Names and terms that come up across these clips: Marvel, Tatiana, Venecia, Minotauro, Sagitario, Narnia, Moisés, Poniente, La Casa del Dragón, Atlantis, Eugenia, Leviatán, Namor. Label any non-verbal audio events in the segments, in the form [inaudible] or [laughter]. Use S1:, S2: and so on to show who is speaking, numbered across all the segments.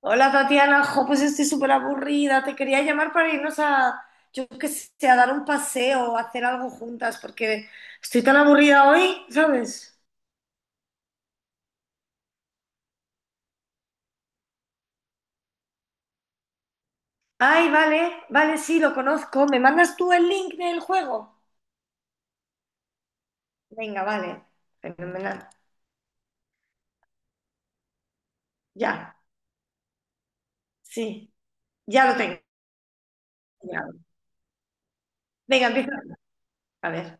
S1: Hola Tatiana, jo, pues estoy súper aburrida. Te quería llamar para irnos a, yo qué sé, a dar un paseo, a hacer algo juntas, porque estoy tan aburrida hoy, ¿sabes? Ay, vale, vale, sí, lo conozco. ¿Me mandas tú el link del juego? Venga, vale, fenomenal. Ya, sí, ya lo tengo. Ya. Venga, empieza. A ver.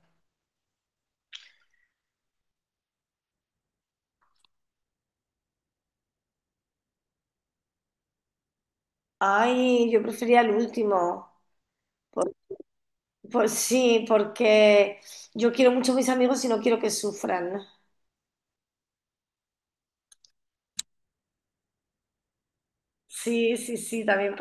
S1: Ay, yo prefería el último. Por- Pues sí, porque yo quiero mucho a mis amigos y no quiero que sufran. Sí, sí, sí, también.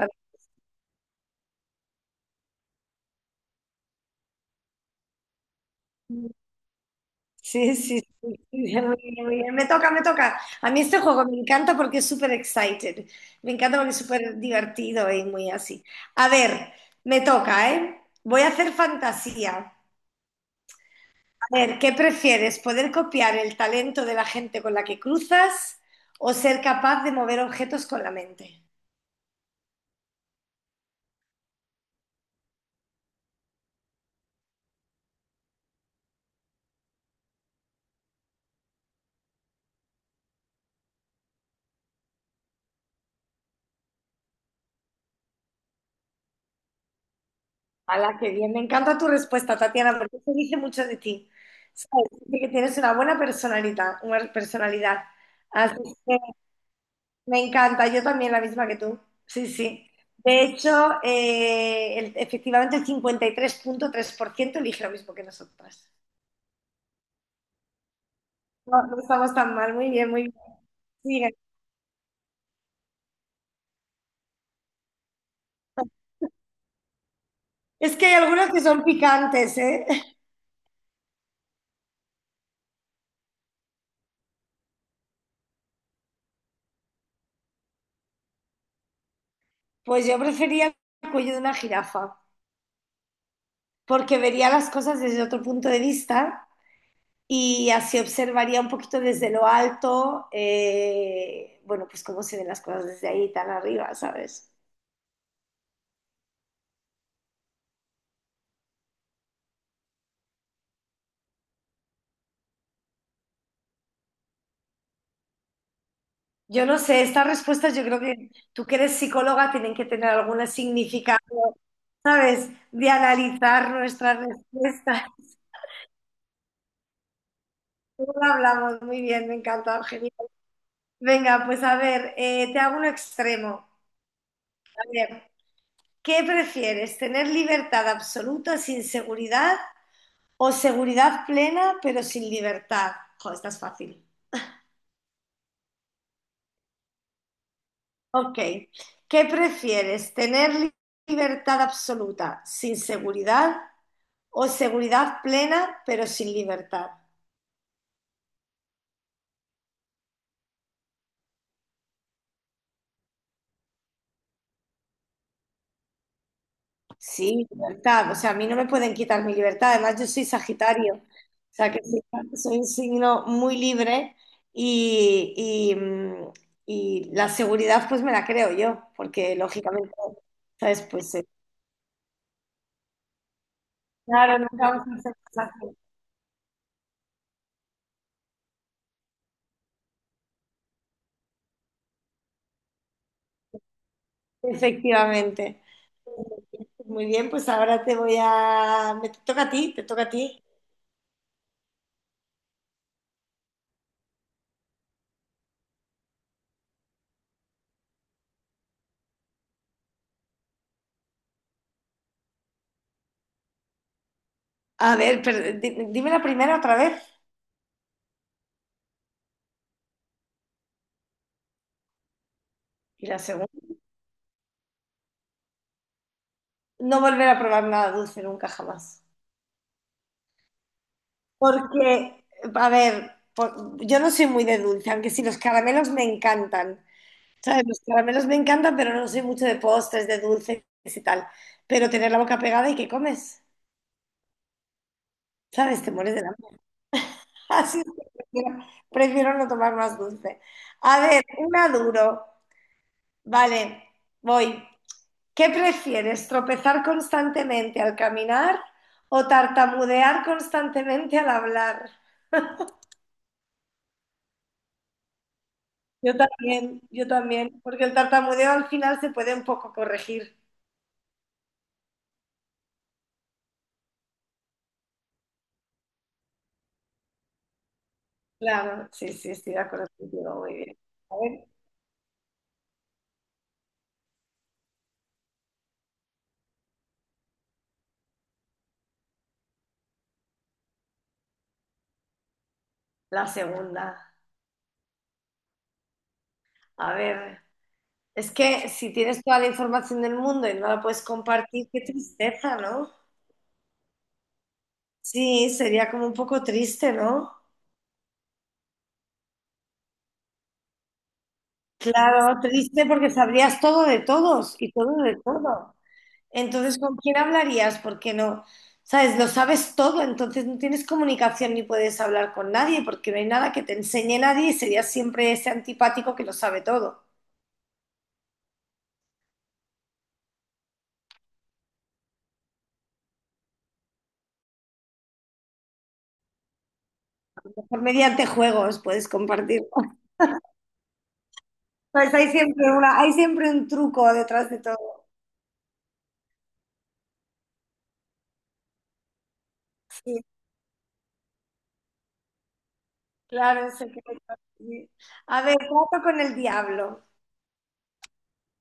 S1: Sí, sí, sí, bien, muy bien, muy bien. Me toca, me toca. A mí este juego me encanta porque es súper excited. Me encanta porque es súper divertido y muy así. A ver, me toca, ¿eh? Voy a hacer fantasía. A ver, ¿qué prefieres? ¿Poder copiar el talento de la gente con la que cruzas o ser capaz de mover objetos con la mente? ¡Hala, qué bien! Me encanta tu respuesta, Tatiana, porque eso dice mucho de ti. Sabes, dice que tienes una buena personalidad, una personalidad. Así que me encanta, yo también la misma que tú. Sí, sí. De hecho, efectivamente el 53,3% elige lo mismo que nosotras. No, no estamos tan mal, muy bien, muy bien. Sigue. Es que hay algunas que son picantes, ¿eh? Pues yo prefería el cuello de una jirafa, porque vería las cosas desde otro punto de vista y así observaría un poquito desde lo alto, bueno, pues cómo se ven las cosas desde ahí tan arriba, ¿sabes? Yo no sé, estas respuestas yo creo que tú que eres psicóloga tienen que tener alguna significado, ¿sabes? De analizar nuestras respuestas. [laughs] Luego lo hablamos muy bien, me encanta, Eugenia. Venga, pues a ver, te hago un extremo. A ver, ¿qué prefieres? ¿Tener libertad absoluta sin seguridad o seguridad plena pero sin libertad? Joder, esta es fácil. Ok, ¿qué prefieres? ¿Tener libertad absoluta sin seguridad o seguridad plena, pero sin libertad? Sí, libertad. O sea, a mí no me pueden quitar mi libertad. Además, yo soy Sagitario. O sea, que sí, soy un signo muy libre y, y, mm, y la seguridad pues me la creo yo, porque lógicamente, ¿sabes? Claro, nunca vamos a hacer cosas así. Efectivamente. Muy bien, pues ahora te voy a... Me toca a ti, te toca a ti. A ver, pero dime la primera otra vez y la segunda. No volver a probar nada dulce nunca jamás. Porque, a ver, por- yo no soy muy de dulce, aunque sí los caramelos me encantan. ¿Sabes? Los caramelos me encantan, pero no soy mucho de postres, de dulces y tal. Pero tener la boca pegada y que comes, ¿sabes? Te mueres de hambre. [laughs] Así es que prefiero, prefiero no tomar más dulce. A ver, una duro. Vale, voy. ¿Qué prefieres? ¿Tropezar constantemente al caminar o tartamudear constantemente al hablar? Yo también, porque el tartamudeo al final se puede un poco corregir. Claro, sí, sí, estoy de acuerdo contigo, muy bien. A ver, la segunda. A ver, es que si tienes toda la información del mundo y no la puedes compartir, qué tristeza, ¿no? Sí, sería como un poco triste, ¿no? Claro, triste porque sabrías todo de todos y todo de todo. Entonces, ¿con quién hablarías? Porque no, sabes, lo sabes todo, entonces no tienes comunicación ni puedes hablar con nadie, porque no hay nada que te enseñe nadie y serías siempre ese antipático que lo sabe todo. Mejor mediante juegos puedes compartir. [laughs] Pues hay siempre una, hay siempre un truco detrás de todo. Sí, claro, un secreto, sí. A ver, trato con el diablo.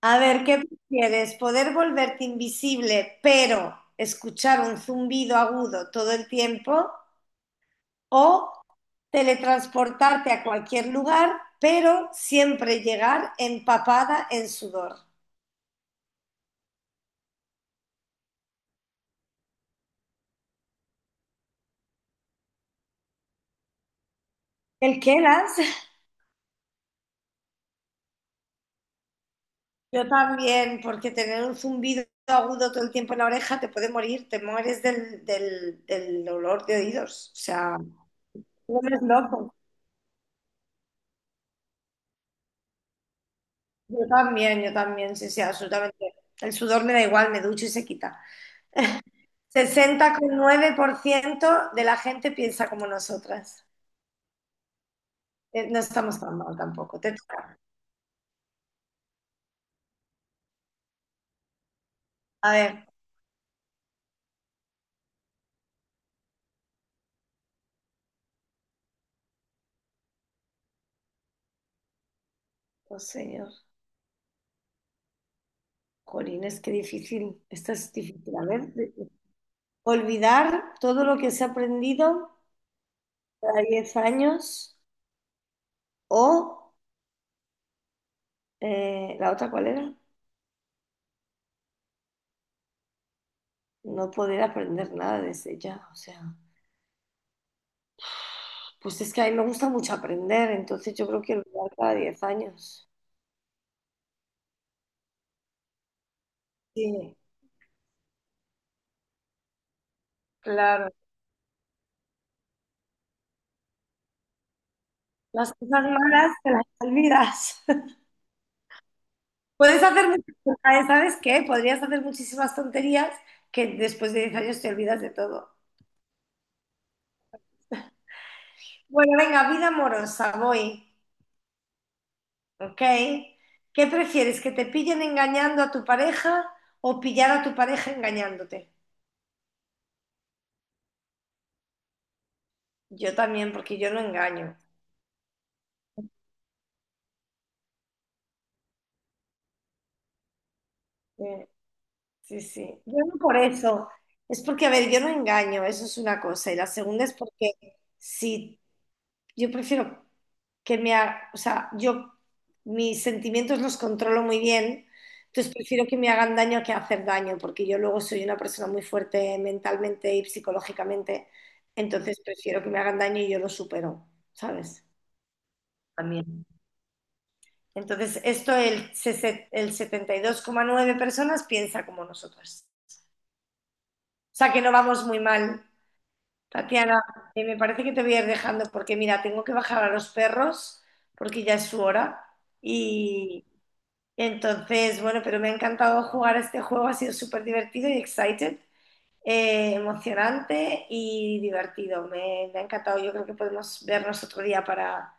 S1: A ver, ¿qué prefieres? ¿Poder volverte invisible, pero escuchar un zumbido agudo todo el tiempo o teletransportarte a cualquier lugar, pero siempre llegar empapada en sudor? ¿El qué, Lance? Yo también, porque tener un zumbido agudo todo el tiempo en la oreja te puede morir, te mueres del, del, del olor de oídos. O sea, no eres loco. Yo también, sí, sí, absolutamente. El sudor me da igual, me ducho y se quita. [laughs] 60,9% de la gente piensa como nosotras. No estamos tan mal tampoco. Te toca. A ver. Oh, señor. Corines, qué difícil. Esta es difícil. A ver, olvidar todo lo que se ha aprendido cada 10 años o la otra, ¿cuál era? No poder aprender nada desde ya. O sea, pues es que a mí me gusta mucho aprender, entonces yo creo que olvidar cada 10 años. Sí, claro. Las cosas malas te las olvidas. [laughs] Puedes hacer muchas, ¿sabes qué? Podrías hacer muchísimas tonterías que después de 10 años te olvidas de todo. Bueno, venga, vida amorosa, voy, ¿ok? ¿Qué prefieres, que te pillen engañando a tu pareja o pillar a tu pareja engañándote? Yo también, porque yo no engaño. Eh, Sí, sí. Yo no por eso. Es porque, a ver, yo no engaño, eso es una cosa. Y la segunda es porque si yo prefiero que me haga, o sea, yo mis sentimientos los controlo muy bien, entonces prefiero que me hagan daño que hacer daño, porque yo luego soy una persona muy fuerte mentalmente y psicológicamente, entonces prefiero que me hagan daño y yo lo supero, ¿sabes? También. Entonces, esto el, el 72,9 personas piensa como nosotros. O sea que no vamos muy mal, Tatiana. Me parece que te voy a ir dejando porque mira, tengo que bajar a los perros porque ya es su hora. Y entonces, bueno, pero me ha encantado jugar a este juego, ha sido súper divertido y excited, emocionante y divertido. Me ha encantado, yo creo que podemos vernos otro día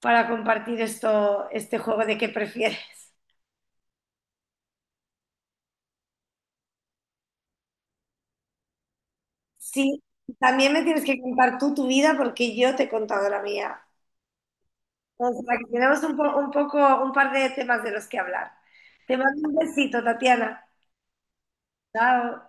S1: para compartir esto, este juego de qué prefieres. Sí, también me tienes que contar tú tu vida porque yo te he contado la mía. O sea, que tenemos un, un poco, un par de temas de los que hablar. Te mando un besito, Tatiana. Chao.